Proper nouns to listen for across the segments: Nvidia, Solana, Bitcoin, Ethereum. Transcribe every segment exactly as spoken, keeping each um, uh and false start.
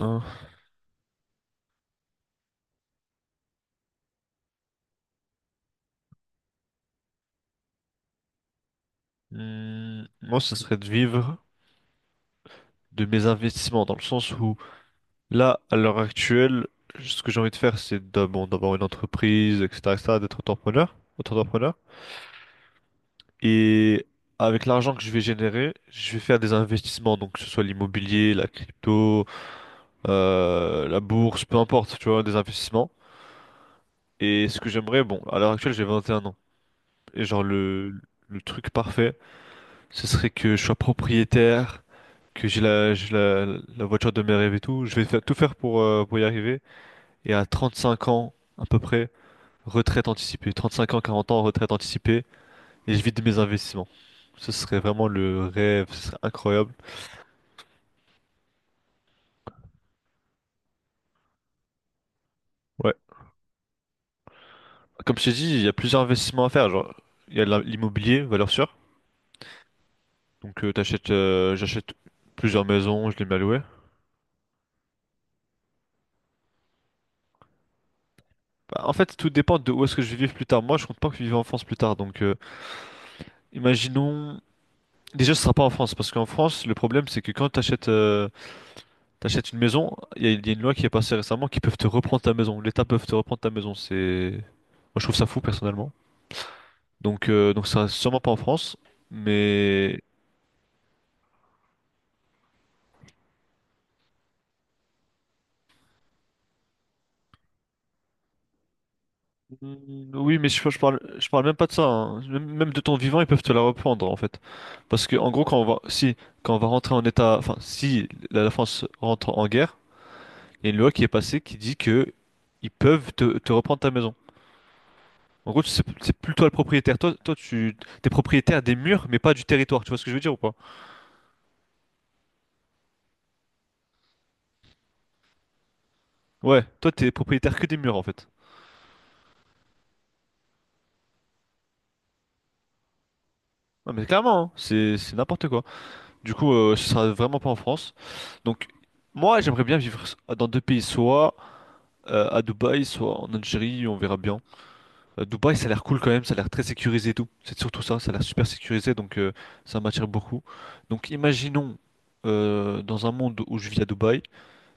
Hein. Hmm, Moi, ça serait de vivre de mes investissements, dans le sens où là, à l'heure actuelle, ce que j'ai envie de faire, c'est d'a- bon, d'avoir une entreprise, et cetera, et cetera, d'être entrepreneur, entrepreneur. Et avec l'argent que je vais générer, je vais faire des investissements, donc que ce soit l'immobilier, la crypto, euh, la bourse, peu importe, tu vois, des investissements. Et ce que j'aimerais, bon, à l'heure actuelle, j'ai vingt et un ans. Et genre le, le truc parfait, ce serait que je sois propriétaire, que j'ai la, j'ai la, la voiture de mes rêves et tout. Je vais faire, tout faire pour, euh, pour y arriver. Et à trente cinq ans, à peu près, retraite anticipée. Trente cinq ans, quarante ans, retraite anticipée. Et je vis de mes investissements. Ce serait vraiment le rêve, ce serait incroyable. Ouais. Comme je t'ai dit, il y a plusieurs investissements à faire. Genre, il y a l'im- l'immobilier, valeur sûre. Donc, euh, t'achètes, euh, j'achète plusieurs maisons, je les mets à louer. Bah, en fait, tout dépend de où est-ce que je vais vivre plus tard. Moi, je compte pas que je vive en France plus tard. Donc, euh, imaginons. Déjà, ce sera pas en France, parce qu'en France, le problème, c'est que quand t'achètes euh, t'achètes une maison, il y, a il y a une loi qui est passée récemment qui peuvent te reprendre ta maison. L'État peut te reprendre ta maison. C'est, moi, je trouve ça fou personnellement. Donc, euh, donc, ça sera sûrement pas en France. Mais Mm, oui, mais je, je parle, je parle même pas de ça, hein. Même même de ton vivant, ils peuvent te la reprendre en fait, parce que en gros, quand on va, si, quand on va rentrer en état, enfin, si la la France rentre en guerre, il y a une loi qui est passée qui dit que ils peuvent te te reprendre ta maison. En gros, c'est c'est plus le propriétaire. Toi, toi, tu t'es propriétaire des murs, mais pas du territoire. Tu vois ce que je veux dire ou pas? Ouais, toi, t'es propriétaire que des murs en fait. Non, mais clairement, hein, c'est c'est n'importe quoi. Du coup, euh, ce sera vraiment pas en France. Donc, moi, j'aimerais bien vivre dans deux pays, soit euh, à Dubaï, soit en Algérie, on verra bien. Euh, Dubaï, ça a l'air cool quand même, ça a l'air très sécurisé et tout. C'est surtout ça, ça a l'air super sécurisé, donc euh, ça m'attire beaucoup. Donc, imaginons euh, dans un monde où je vis à Dubaï,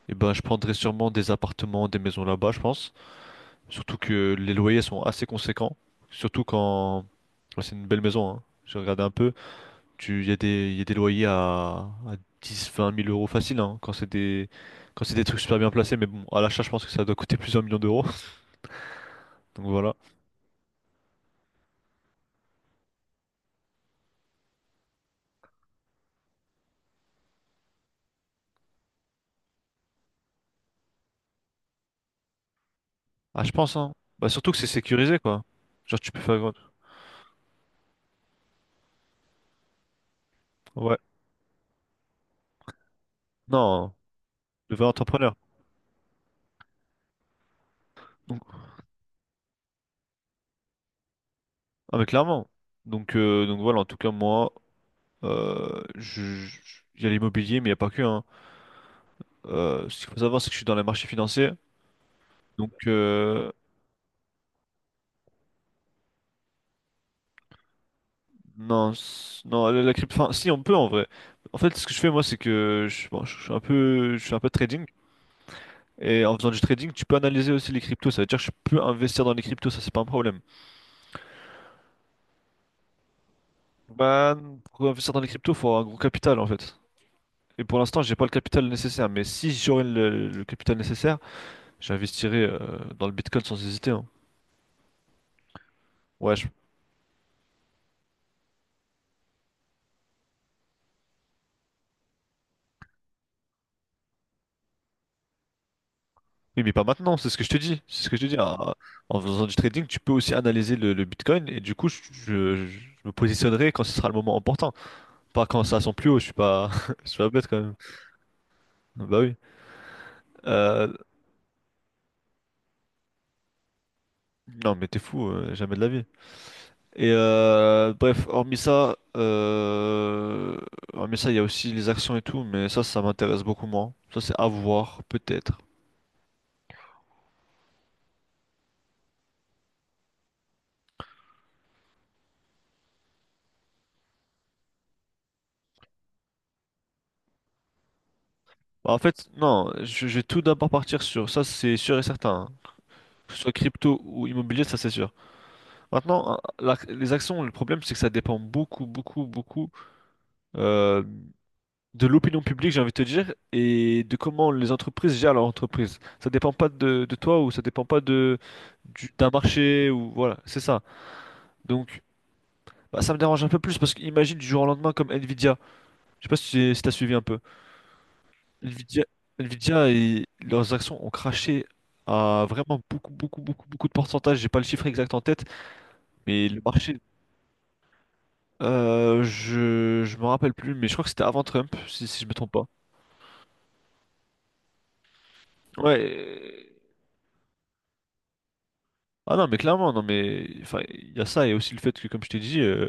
et ben, je prendrais sûrement des appartements, des maisons là-bas, je pense. Surtout que les loyers sont assez conséquents. Surtout quand ouais, c'est une belle maison, hein. J'ai regardé un peu. Tu, il y a des, il y a des loyers à, à dix vingt mille euros facile, hein, quand c'est des, quand c'est des trucs super bien placés. Mais bon, à l'achat, je pense que ça doit coûter plusieurs millions d'euros. Donc voilà. Ah, je pense, hein. Bah, surtout que c'est sécurisé, quoi. Genre, tu peux faire. Grand- Ouais. Non, hein. Le vrai entrepreneur. Donc, ah, mais clairement. Donc, euh, donc voilà, en tout cas, moi, euh, je, je- il y a l'immobilier, mais il n'y a pas que, hein. Euh, ce qu'il faut savoir, c'est que je suis dans les marchés financiers. Donc, euh, non, c- non, la, la crypto, enfin, si on peut en vrai. En fait, ce que je fais moi, c'est que je, bon, je suis un peu, je fais un peu de trading. Et en faisant du trading, tu peux analyser aussi les cryptos. Ça veut dire que je peux investir dans les cryptos, ça c'est pas un problème. Bah, pour investir dans les cryptos, faut avoir un gros capital en fait. Et pour l'instant, j'ai pas le capital nécessaire. Mais si j'aurais le, le capital nécessaire, j'investirais euh, dans le Bitcoin sans hésiter, hein. Ouais, je Oui, mais pas maintenant, c'est ce que je te dis. C'est ce que je te dis. En, en faisant du trading, tu peux aussi analyser le, le Bitcoin et du coup, je, je- je me positionnerai quand ce sera le moment important. Pas quand ça sent plus haut, je suis pas, je suis pas bête quand même. Bah oui. Euh, non, mais t'es fou, euh, jamais de la vie. Et euh, bref, hormis ça, euh, hormis ça, il y a aussi les actions et tout, mais ça, ça m'intéresse beaucoup moins. Ça, c'est à voir, peut-être. Bah, en fait, non, je, je vais tout d'abord partir sur ça, c'est sûr et certain. Que ce soit crypto ou immobilier, ça, c'est sûr. Maintenant, euh, la- les actions, le problème, c'est que ça dépend beaucoup, beaucoup, beaucoup euh, de l'opinion publique, j'ai envie de te dire, et de comment les entreprises gèrent leur entreprise. Ça dépend pas de, de toi ou ça dépend pas de du- d'un marché ou voilà, c'est ça. Donc, bah, ça me dérange un peu plus parce qu'imagine du jour au lendemain comme Nvidia. Je sais pas si tu as suivi un peu. Nvidia, Nvidia, et leurs actions ont craché à vraiment beaucoup, beaucoup, beaucoup, beaucoup de pourcentage. J'ai pas le chiffre exact en tête, mais le marché Euh, je je me rappelle plus, mais je crois que c'était avant Trump, si, si je me trompe pas. Ouais. euh, Ah non, mais clairement, non, mais enfin, il y a ça et aussi le fait que, comme je t'ai dit, euh,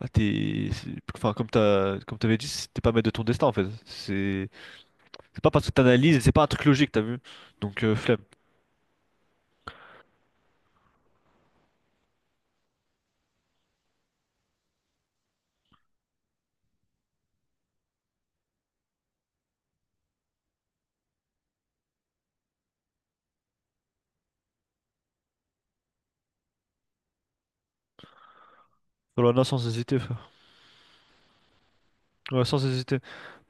bah, t'es, c'est- enfin, comme t'as, comme t'avais dit, c'est- t'es pas maître de ton destin en fait. C'est, c'est pas parce que t'analyses, c'est pas un truc logique, t'as vu? Donc euh, flemme. Solana sans hésiter, frère. Ouais, sans hésiter.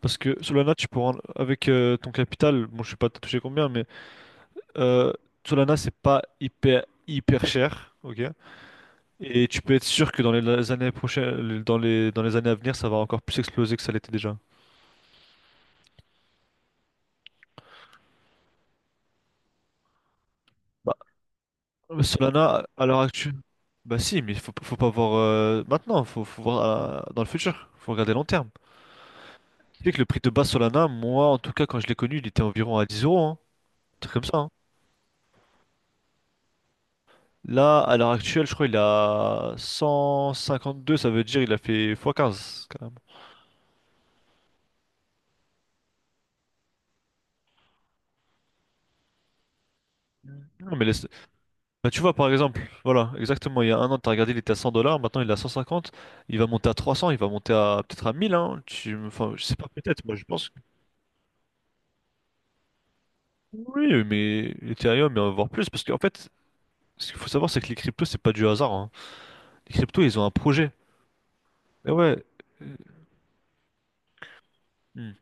Parce que Solana, tu pourras, avec euh, ton capital, bon, je sais pas t'as touché combien, mais euh, Solana, c'est pas hyper hyper cher, ok? Et tu peux être sûr que dans les années prochaines, dans les, dans les années à venir, ça va encore plus exploser que ça l'était déjà. Bah, Solana, à l'heure actuelle, bah si, mais faut, faut pas voir euh, maintenant, faut, faut voir euh, dans le futur, faut regarder long terme. Tu sais que le prix de base Solana, moi en tout cas, quand je l'ai connu, il était environ à dix euros, hein, un truc comme ça, hein. Là, à l'heure actuelle, je crois il est à deux, ça veut dire il a fait fois quinze quand même. Non, mais laisse- Bah, tu vois, par exemple, voilà, exactement, il y a un an, tu as regardé, il était à cent dollars, maintenant il est à cent cinquante, il va monter à trois cents, il va monter à peut-être à mille, hein, tu, enfin, je sais pas, peut-être, moi je pense que oui, mais Ethereum, mais on va voir plus, parce qu'en fait, ce qu'il faut savoir, c'est que les cryptos, c'est pas du hasard, hein. Les cryptos, ils ont un projet. Et ouais, euh, hmm.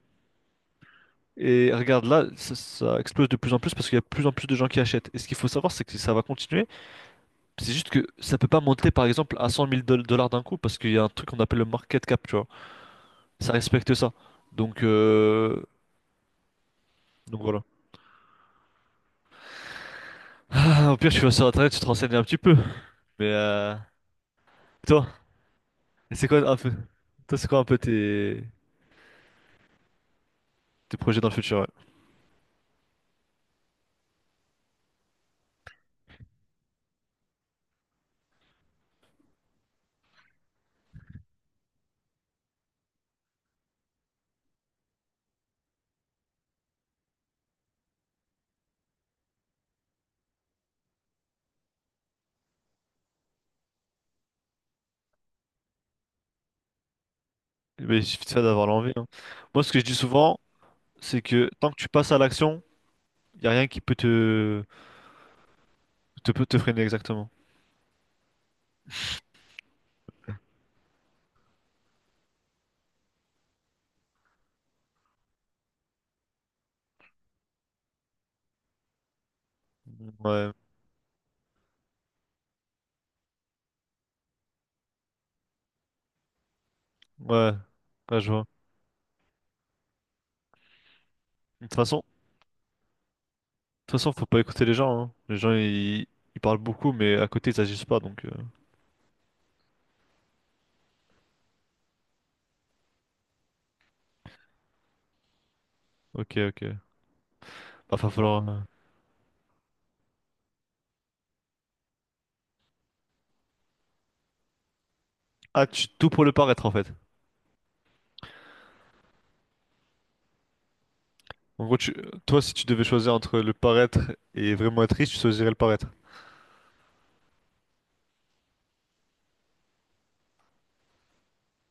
Et regarde, là, ça, ça explose de plus en plus parce qu'il y a de plus en plus de gens qui achètent. Et ce qu'il faut savoir, c'est que ça va continuer, c'est juste que ça peut pas monter, par exemple, à cent mille dollars d'un coup, parce qu'il y a un truc qu'on appelle le market cap, tu vois. Ça respecte ça. Donc, euh, donc voilà. Ah, au pire, tu vas sur internet, tu te renseignes un petit peu. Mais euh, toi, c'est quoi un peu, toi, c'est quoi un peu tes, tes projets dans le futur? Ouais. Mais il suffit de faire d'avoir l'envie, hein. Moi, ce que je dis souvent, c'est que tant que tu passes à l'action, il y a rien qui peut te, te, peut te freiner exactement. Ouais, ouais, ouais, je vois. De toute façon, de toute façon, faut pas écouter les gens, hein. Les gens, ils, ils parlent beaucoup, mais à côté, ils agissent pas. Donc, euh, ok, ok. Bah, va falloir. euh, Ah, tu tout pour le paraître en fait. En gros, tu- toi, si tu devais choisir entre le paraître et vraiment être riche, tu choisirais le paraître.